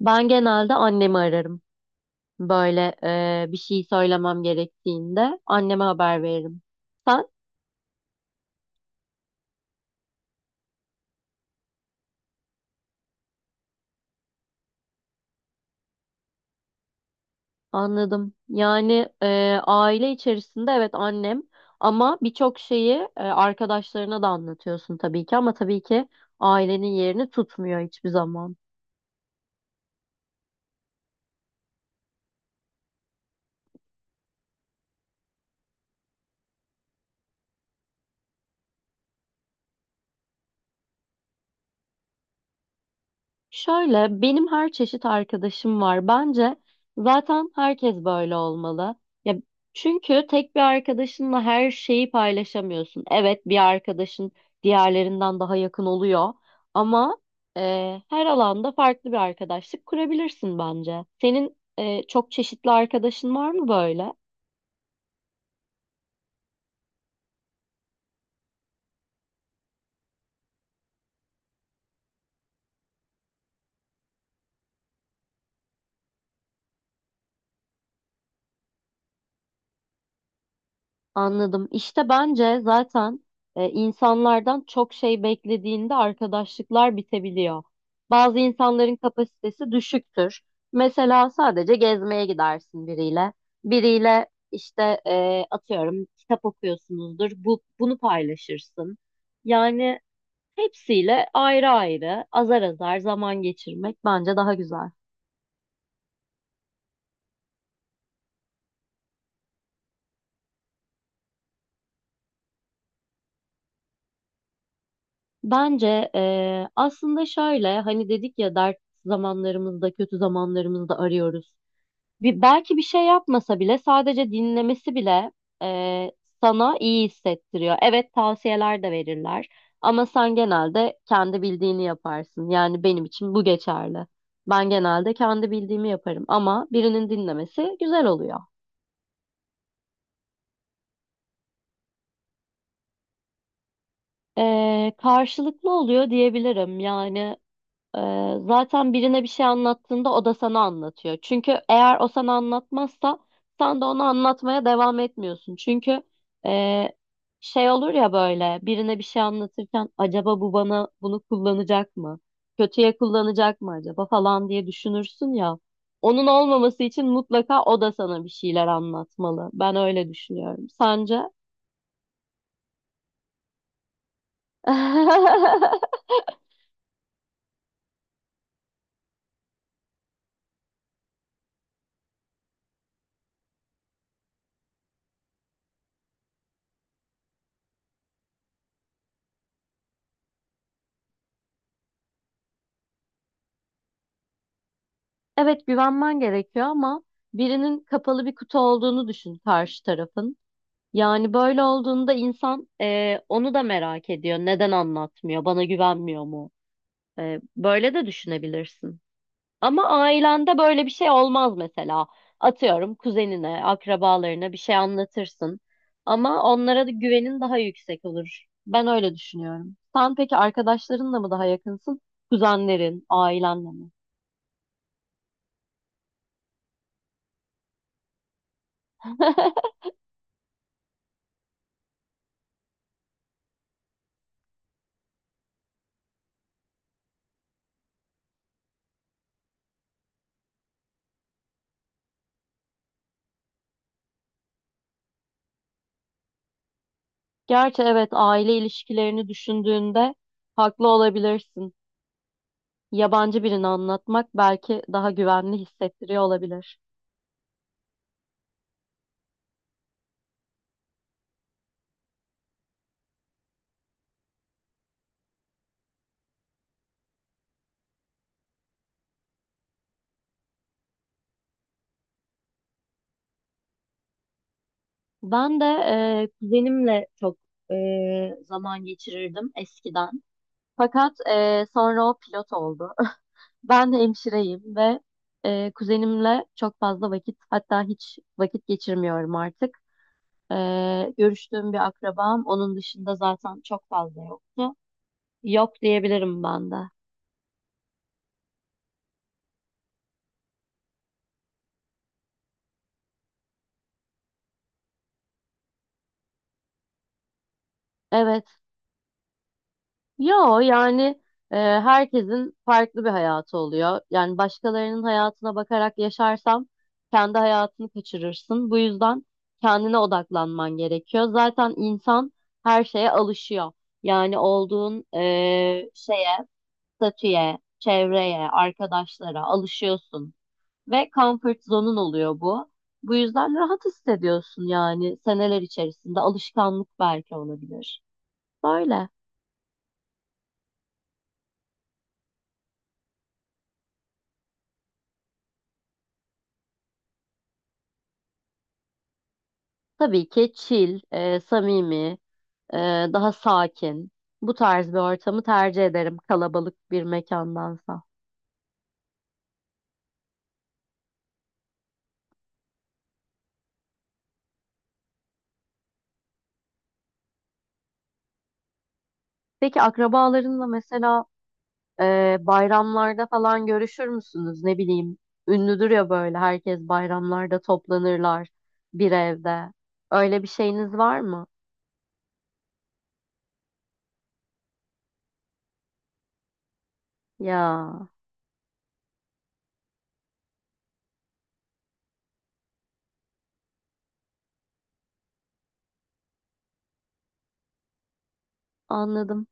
Ben genelde annemi ararım. Böyle bir şey söylemem gerektiğinde anneme haber veririm. Sen? Anladım. Yani aile içerisinde evet annem ama birçok şeyi arkadaşlarına da anlatıyorsun tabii ki ama tabii ki ailenin yerini tutmuyor hiçbir zaman. Şöyle benim her çeşit arkadaşım var. Bence zaten herkes böyle olmalı. Ya çünkü tek bir arkadaşınla her şeyi paylaşamıyorsun. Evet bir arkadaşın diğerlerinden daha yakın oluyor ama her alanda farklı bir arkadaşlık kurabilirsin bence. Senin çok çeşitli arkadaşın var mı böyle? Anladım. İşte bence zaten insanlardan çok şey beklediğinde arkadaşlıklar bitebiliyor. Bazı insanların kapasitesi düşüktür. Mesela sadece gezmeye gidersin biriyle. Biriyle işte atıyorum kitap okuyorsunuzdur. Bunu paylaşırsın. Yani hepsiyle ayrı ayrı azar azar zaman geçirmek bence daha güzel. Bence aslında şöyle hani dedik ya dert zamanlarımızda kötü zamanlarımızda arıyoruz. Belki bir şey yapmasa bile sadece dinlemesi bile e, sana iyi hissettiriyor. Evet tavsiyeler de verirler ama sen genelde kendi bildiğini yaparsın. Yani benim için bu geçerli. Ben genelde kendi bildiğimi yaparım ama birinin dinlemesi güzel oluyor. Karşılıklı oluyor diyebilirim. Yani zaten birine bir şey anlattığında o da sana anlatıyor. Çünkü eğer o sana anlatmazsa sen de ona anlatmaya devam etmiyorsun. Çünkü e, şey olur ya böyle birine bir şey anlatırken acaba bu bana bunu kullanacak mı? Kötüye kullanacak mı acaba falan diye düşünürsün ya. Onun olmaması için mutlaka o da sana bir şeyler anlatmalı. Ben öyle düşünüyorum. Sence? Evet güvenmen gerekiyor ama birinin kapalı bir kutu olduğunu düşün karşı tarafın. Yani böyle olduğunda insan onu da merak ediyor. Neden anlatmıyor? Bana güvenmiyor mu? Böyle de düşünebilirsin. Ama ailende böyle bir şey olmaz mesela. Atıyorum kuzenine, akrabalarına bir şey anlatırsın. Ama onlara da güvenin daha yüksek olur. Ben öyle düşünüyorum. Sen peki arkadaşlarınla mı daha yakınsın? Kuzenlerin, ailenle mi? Gerçi evet aile ilişkilerini düşündüğünde haklı olabilirsin. Yabancı birini anlatmak belki daha güvenli hissettiriyor olabilir. Ben de kuzenimle çok e, zaman geçirirdim eskiden. Fakat sonra o pilot oldu. Ben hemşireyim ve kuzenimle çok fazla vakit hatta hiç vakit geçirmiyorum artık. Görüştüğüm bir akrabam onun dışında zaten çok fazla yoktu. Yok diyebilirim ben de. Evet. Yo, yani herkesin farklı bir hayatı oluyor. Yani başkalarının hayatına bakarak yaşarsam kendi hayatını kaçırırsın. Bu yüzden kendine odaklanman gerekiyor. Zaten insan her şeye alışıyor. Yani olduğun şeye, statüye, çevreye, arkadaşlara alışıyorsun. Ve comfort zone'un oluyor bu. Bu yüzden rahat hissediyorsun yani seneler içerisinde alışkanlık belki olabilir. Böyle. Tabii ki chill, samimi, e, daha sakin. Bu tarz bir ortamı tercih ederim kalabalık bir mekandansa. Peki akrabalarınla mesela bayramlarda falan görüşür müsünüz? Ne bileyim, ünlüdür ya böyle herkes bayramlarda toplanırlar bir evde. Öyle bir şeyiniz var mı? Ya, anladım.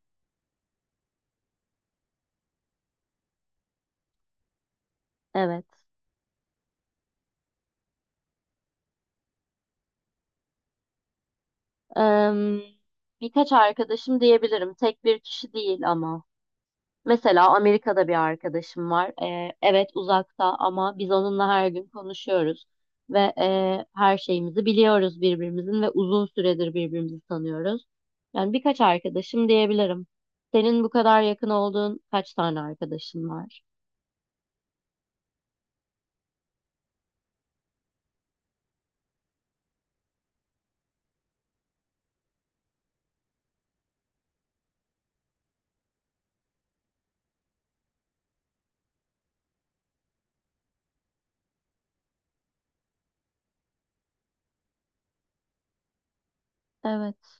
Evet. Em, Birkaç arkadaşım diyebilirim. Tek bir kişi değil ama. Mesela Amerika'da bir arkadaşım var. Evet uzakta ama biz onunla her gün konuşuyoruz ve her şeyimizi biliyoruz birbirimizin ve uzun süredir birbirimizi tanıyoruz. Yani birkaç arkadaşım diyebilirim. Senin bu kadar yakın olduğun kaç tane arkadaşın var? Evet.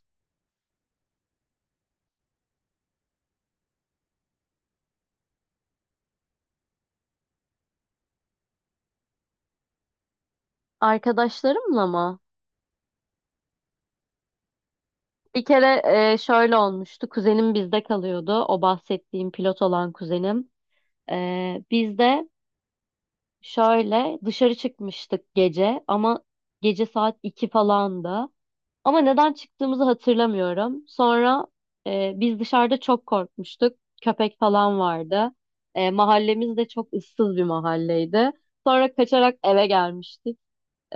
Arkadaşlarımla mı? Bir kere şöyle olmuştu. Kuzenim bizde kalıyordu. O bahsettiğim pilot olan kuzenim. Bizde Şöyle dışarı çıkmıştık gece ama gece saat 2 falandı. Ama neden çıktığımızı hatırlamıyorum. Sonra biz dışarıda çok korkmuştuk. Köpek falan vardı. Mahallemiz de çok ıssız bir mahalleydi. Sonra kaçarak eve gelmiştik.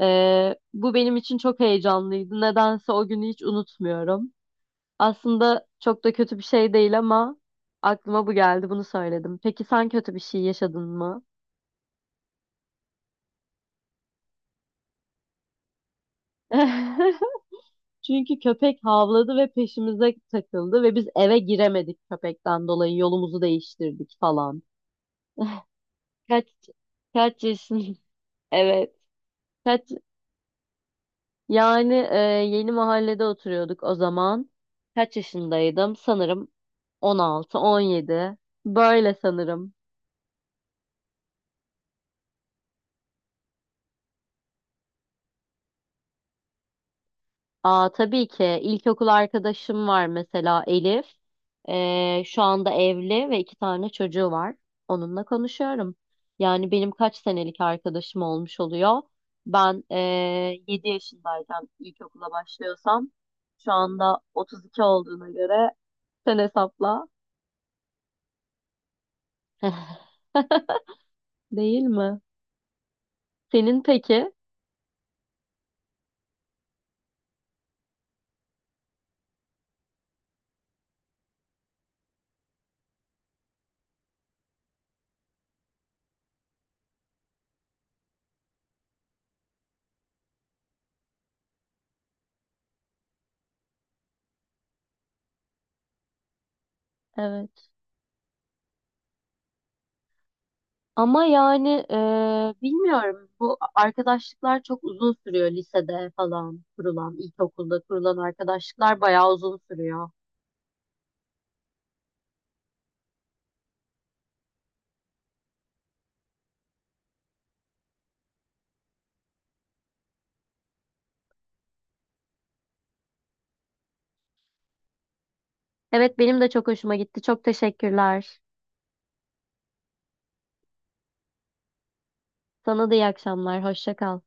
Bu benim için çok heyecanlıydı. Nedense o günü hiç unutmuyorum. Aslında çok da kötü bir şey değil ama aklıma bu geldi, bunu söyledim. Peki sen kötü bir şey yaşadın mı? Çünkü köpek havladı ve peşimize takıldı ve biz eve giremedik, köpekten dolayı yolumuzu değiştirdik falan. Kaç kaç yaşın? Evet. Kaç yani yeni mahallede oturuyorduk o zaman. Kaç yaşındaydım? Sanırım 16, 17. Böyle sanırım. Aa, tabii ki ilkokul arkadaşım var, mesela Elif. Şu anda evli ve iki tane çocuğu var. Onunla konuşuyorum. Yani benim kaç senelik arkadaşım olmuş oluyor. Ben 7 yaşındayken ilkokula başlıyorsam, şu anda 32 olduğuna göre sen hesapla. Değil mi? Senin peki? Evet. Ama yani bilmiyorum, bu arkadaşlıklar çok uzun sürüyor lisede falan kurulan, ilkokulda kurulan arkadaşlıklar bayağı uzun sürüyor. Evet, benim de çok hoşuma gitti. Çok teşekkürler. Sana da iyi akşamlar. Hoşça kal.